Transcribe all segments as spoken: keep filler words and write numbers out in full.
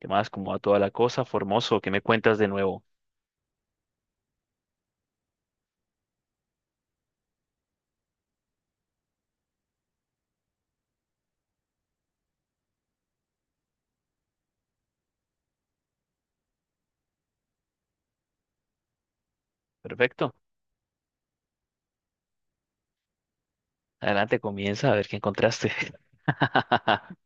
¿Qué más? ¿Cómo va toda la cosa? Formoso, ¿qué me cuentas de nuevo? Perfecto. Adelante, comienza a ver qué encontraste.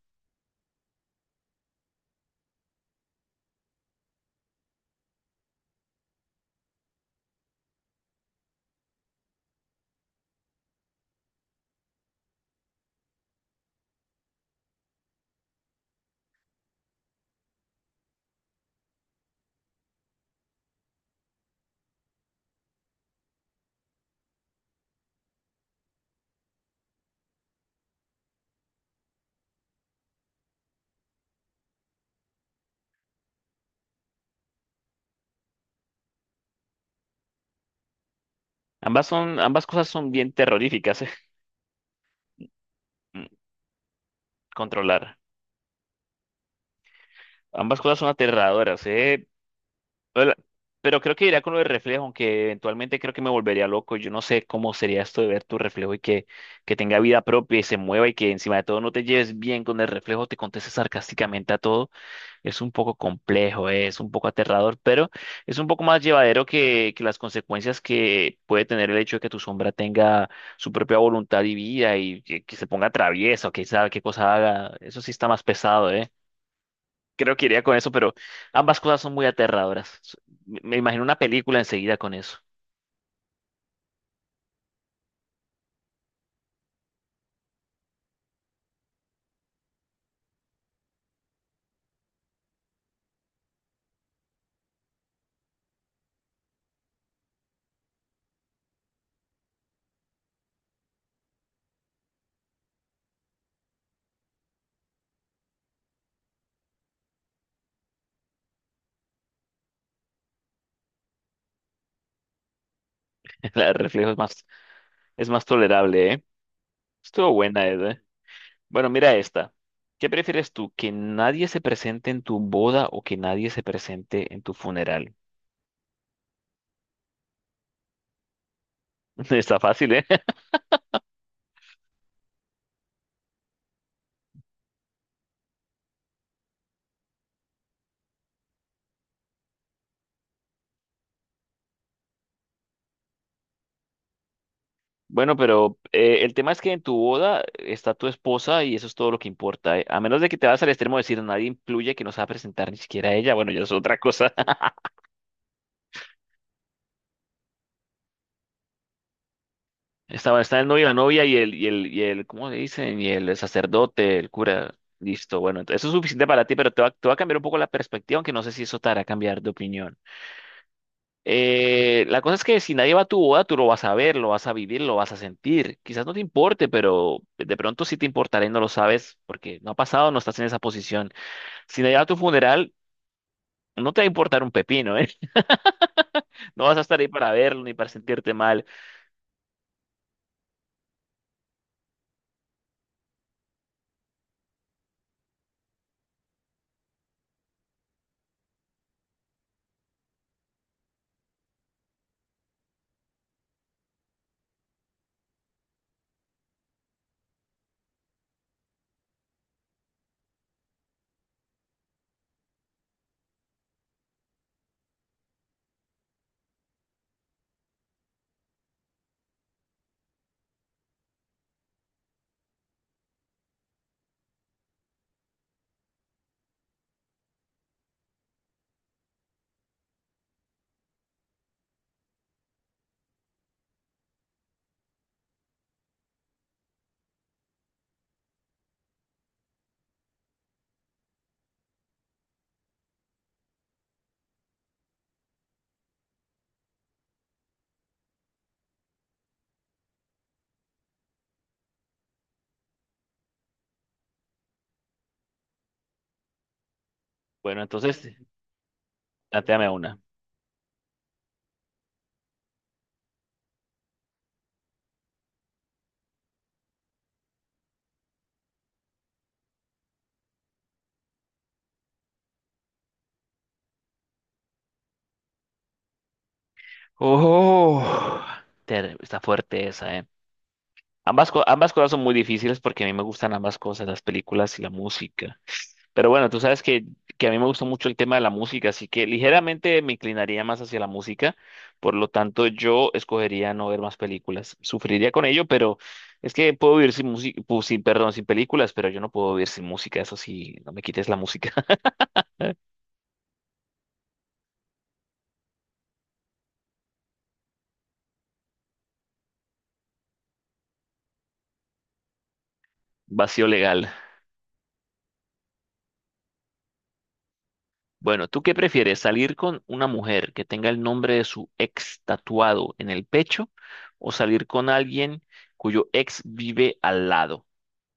Ambas son, ambas cosas son bien terroríficas, ¿eh? Mm, Controlar. Ambas cosas son aterradoras, ¿eh? Hola. Pero creo que iría con lo de reflejo, aunque eventualmente creo que me volvería loco. Yo no sé cómo sería esto de ver tu reflejo y que, que tenga vida propia y se mueva y que encima de todo no te lleves bien con el reflejo, te conteste sarcásticamente a todo. Es un poco complejo, eh, es un poco aterrador, pero es un poco más llevadero que, que las consecuencias que puede tener el hecho de que tu sombra tenga su propia voluntad y vida y que, que se ponga travieso, que sabe qué cosa haga. Eso sí está más pesado, ¿eh? Creo que iría con eso, pero ambas cosas son muy aterradoras. S- Me me imagino una película enseguida con eso. La de reflejo es más, es más tolerable, ¿eh? Estuvo buena, Ed, ¿eh? Bueno, mira esta. ¿Qué prefieres tú? ¿Que nadie se presente en tu boda o que nadie se presente en tu funeral? Está fácil, ¿eh? Bueno, pero eh, el tema es que en tu boda está tu esposa y eso es todo lo que importa, ¿eh? A menos de que te vas al extremo de decir nadie incluye que no se va a presentar ni siquiera ella, bueno, ya es otra cosa. estaba está el novio, la novia y el, y el, y el, ¿cómo le dicen? Y el sacerdote, el cura. Listo, bueno, entonces eso es suficiente para ti, pero te va, te va a cambiar un poco la perspectiva, aunque no sé si eso te hará cambiar de opinión. Eh, la cosa es que si nadie va a tu boda, tú lo vas a ver, lo vas a vivir, lo vas a sentir. Quizás no te importe, pero de pronto sí te importará y no lo sabes porque no ha pasado, no estás en esa posición. Si nadie va a tu funeral, no te va a importar un pepino, ¿eh? No vas a estar ahí para verlo ni para sentirte mal. Bueno, entonces, plantéame una. Oh, ter- está fuerte esa, ¿eh? Ambas, co- ambas cosas son muy difíciles porque a mí me gustan ambas cosas, las películas y la música. Pero bueno, tú sabes que, que a mí me gusta mucho el tema de la música, así que ligeramente me inclinaría más hacia la música. Por lo tanto, yo escogería no ver más películas. Sufriría con ello, pero es que puedo vivir sin música, sin, perdón, sin películas, pero yo no puedo vivir sin música. Eso sí, no me quites la música. Vacío legal. Bueno, ¿tú qué prefieres? ¿Salir con una mujer que tenga el nombre de su ex tatuado en el pecho o salir con alguien cuyo ex vive al lado,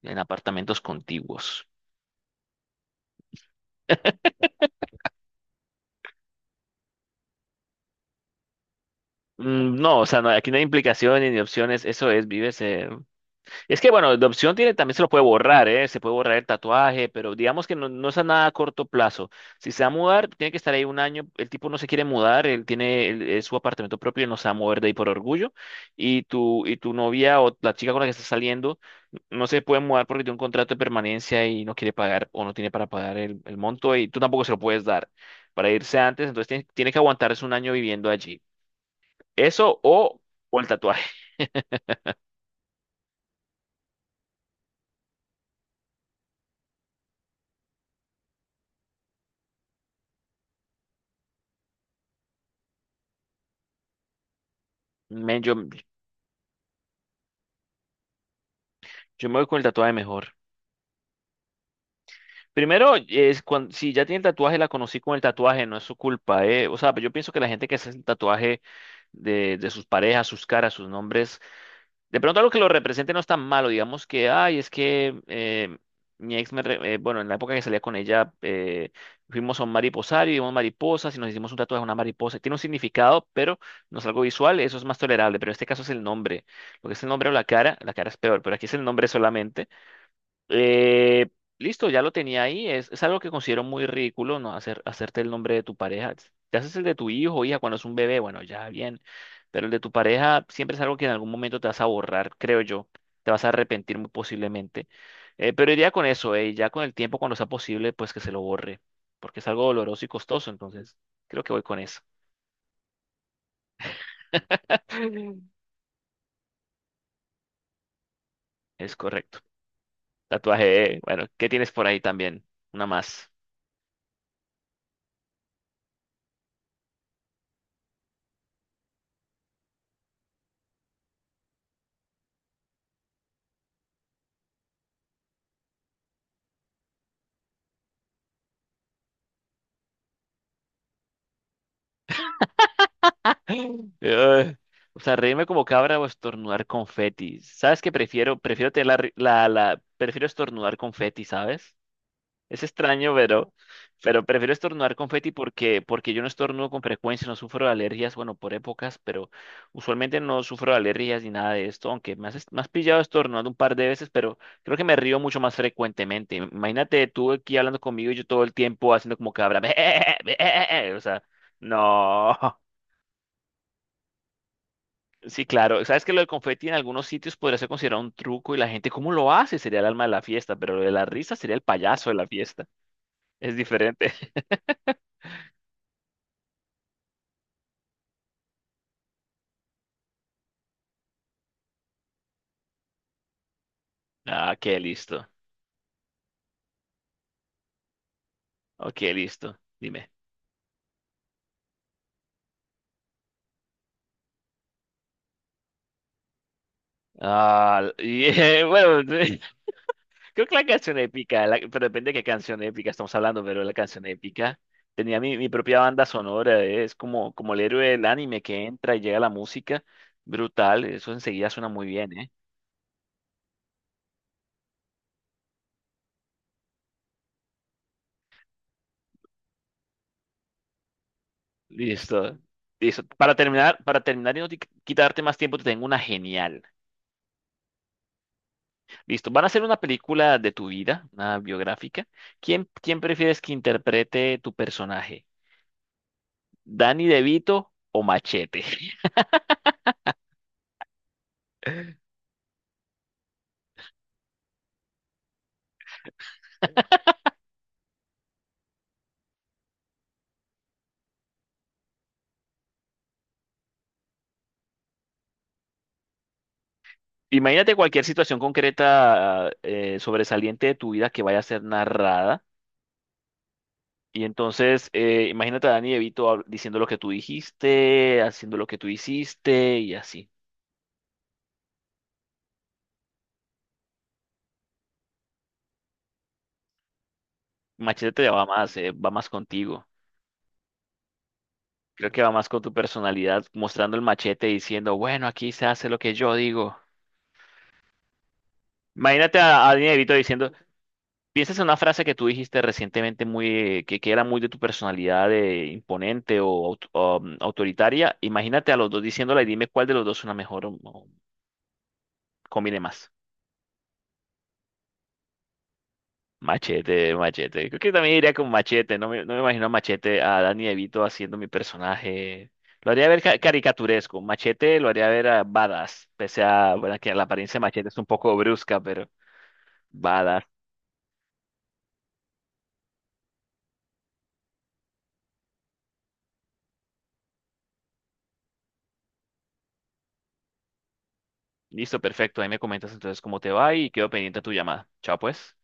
en apartamentos contiguos? Mm, No, o sea, no, aquí no hay implicaciones ni opciones, eso es, vives. eh, Es que bueno, la opción tiene, también se lo puede borrar, ¿eh? Se puede borrar el tatuaje, pero digamos que no, no es a nada a corto plazo. Si se va a mudar, tiene que estar ahí un año. El tipo no se quiere mudar, él tiene él- es su apartamento propio y no se va a mover de ahí por orgullo. Y tu, y tu novia o la chica con la que estás saliendo no se puede mudar porque tiene un contrato de permanencia y no quiere pagar o no tiene para pagar el, el monto y tú tampoco se lo puedes dar para irse antes, entonces tiene, tiene que aguantarse un año viviendo allí. Eso o, o el tatuaje. Men, yo, yo me voy con el tatuaje mejor. Primero, es cuando, si ya tiene el tatuaje, la conocí con el tatuaje, no es su culpa, ¿eh? O sea, yo pienso que la gente que hace el tatuaje de, de sus parejas, sus caras, sus nombres, de pronto algo que lo represente no es tan malo, digamos que, ay, es que eh, mi ex, me re- eh, bueno, en la época que salía con ella, eh, fuimos a un mariposario, y vimos mariposas y nos hicimos un tatuaje de una mariposa. Tiene un significado, pero no es algo visual, eso es más tolerable, pero en este caso es el nombre. Lo que es el nombre o la cara, la cara es peor, pero aquí es el nombre solamente. Eh, listo, ya lo tenía ahí. Es, es algo que considero muy ridículo, ¿no? Hacer, hacerte el nombre de tu pareja. Te haces el de tu hijo o hija cuando es un bebé, bueno, ya bien. Pero el de tu pareja siempre es algo que en algún momento te vas a borrar, creo yo. Te vas a arrepentir muy posiblemente. Eh, pero iría con eso, eh, y ya con el tiempo, cuando sea posible, pues que se lo borre. Porque es algo doloroso y costoso, entonces creo que voy con eso. Es correcto. Tatuaje, eh, bueno, ¿qué tienes por ahí también? Una más. Ugh. O sea, reírme como cabra o estornudar confeti. ¿Sabes qué prefiero? Prefiero tener la, ri- la, la- prefiero estornudar confeti, ¿sabes? Es extraño, pero, pero prefiero estornudar confeti porque, porque yo no estornudo con frecuencia, no sufro de alergias, bueno, por épocas, pero usualmente no sufro de alergias ni nada de esto, aunque me has, est- me has pillado estornudando un par de veces, pero creo que me río mucho más frecuentemente. Imagínate tú aquí hablando conmigo y yo todo el tiempo haciendo como cabra. O sea, no. Sí, claro. Sabes que lo del confeti en algunos sitios podría ser considerado un truco y la gente, ¿cómo lo hace? Sería el alma de la fiesta, pero lo de la risa sería el payaso de la fiesta. Es diferente. Ah, qué listo. Ok, listo. Dime. Ah, y, eh, bueno, creo que la canción épica, la- pero depende de qué canción épica estamos hablando, pero la canción épica tenía mi, mi propia banda sonora, eh, es como, como el héroe del anime que entra y llega la música, brutal, eso enseguida suena muy bien, ¿eh? Listo. Listo. Para terminar, para terminar y no te- quitarte más tiempo, te tengo una genial. Listo. Van a hacer una película de tu vida, una biográfica. ¿Quién, quién prefieres que interprete tu personaje? ¿Danny DeVito o Machete? Imagínate cualquier situación concreta eh, sobresaliente de tu vida que vaya a ser narrada. Y entonces, eh, imagínate a Danny DeVito hab- diciendo lo que tú dijiste, haciendo lo que tú hiciste y así. Machete te va más, eh, va más contigo. Creo que va más con tu personalidad, mostrando el machete y diciendo, bueno, aquí se hace lo que yo digo. Imagínate a, a Dinerito diciendo, piensas en una frase que tú dijiste recientemente muy, eh, que, que era muy de tu personalidad de imponente o, aut- o, mm, autoritaria. Imagínate a los dos diciéndola y dime cuál de los dos suena mejor o, o combine más. Machete, machete. Creo que también iría con machete. No me, no me imagino a machete a Danny DeVito haciendo mi personaje. Lo haría ver ca- caricaturesco. Machete lo haría ver a badass. Pese a, bueno, que la apariencia de machete es un poco brusca, pero badass. Listo, perfecto. Ahí me comentas entonces cómo te va y quedo pendiente de tu llamada. Chao, pues.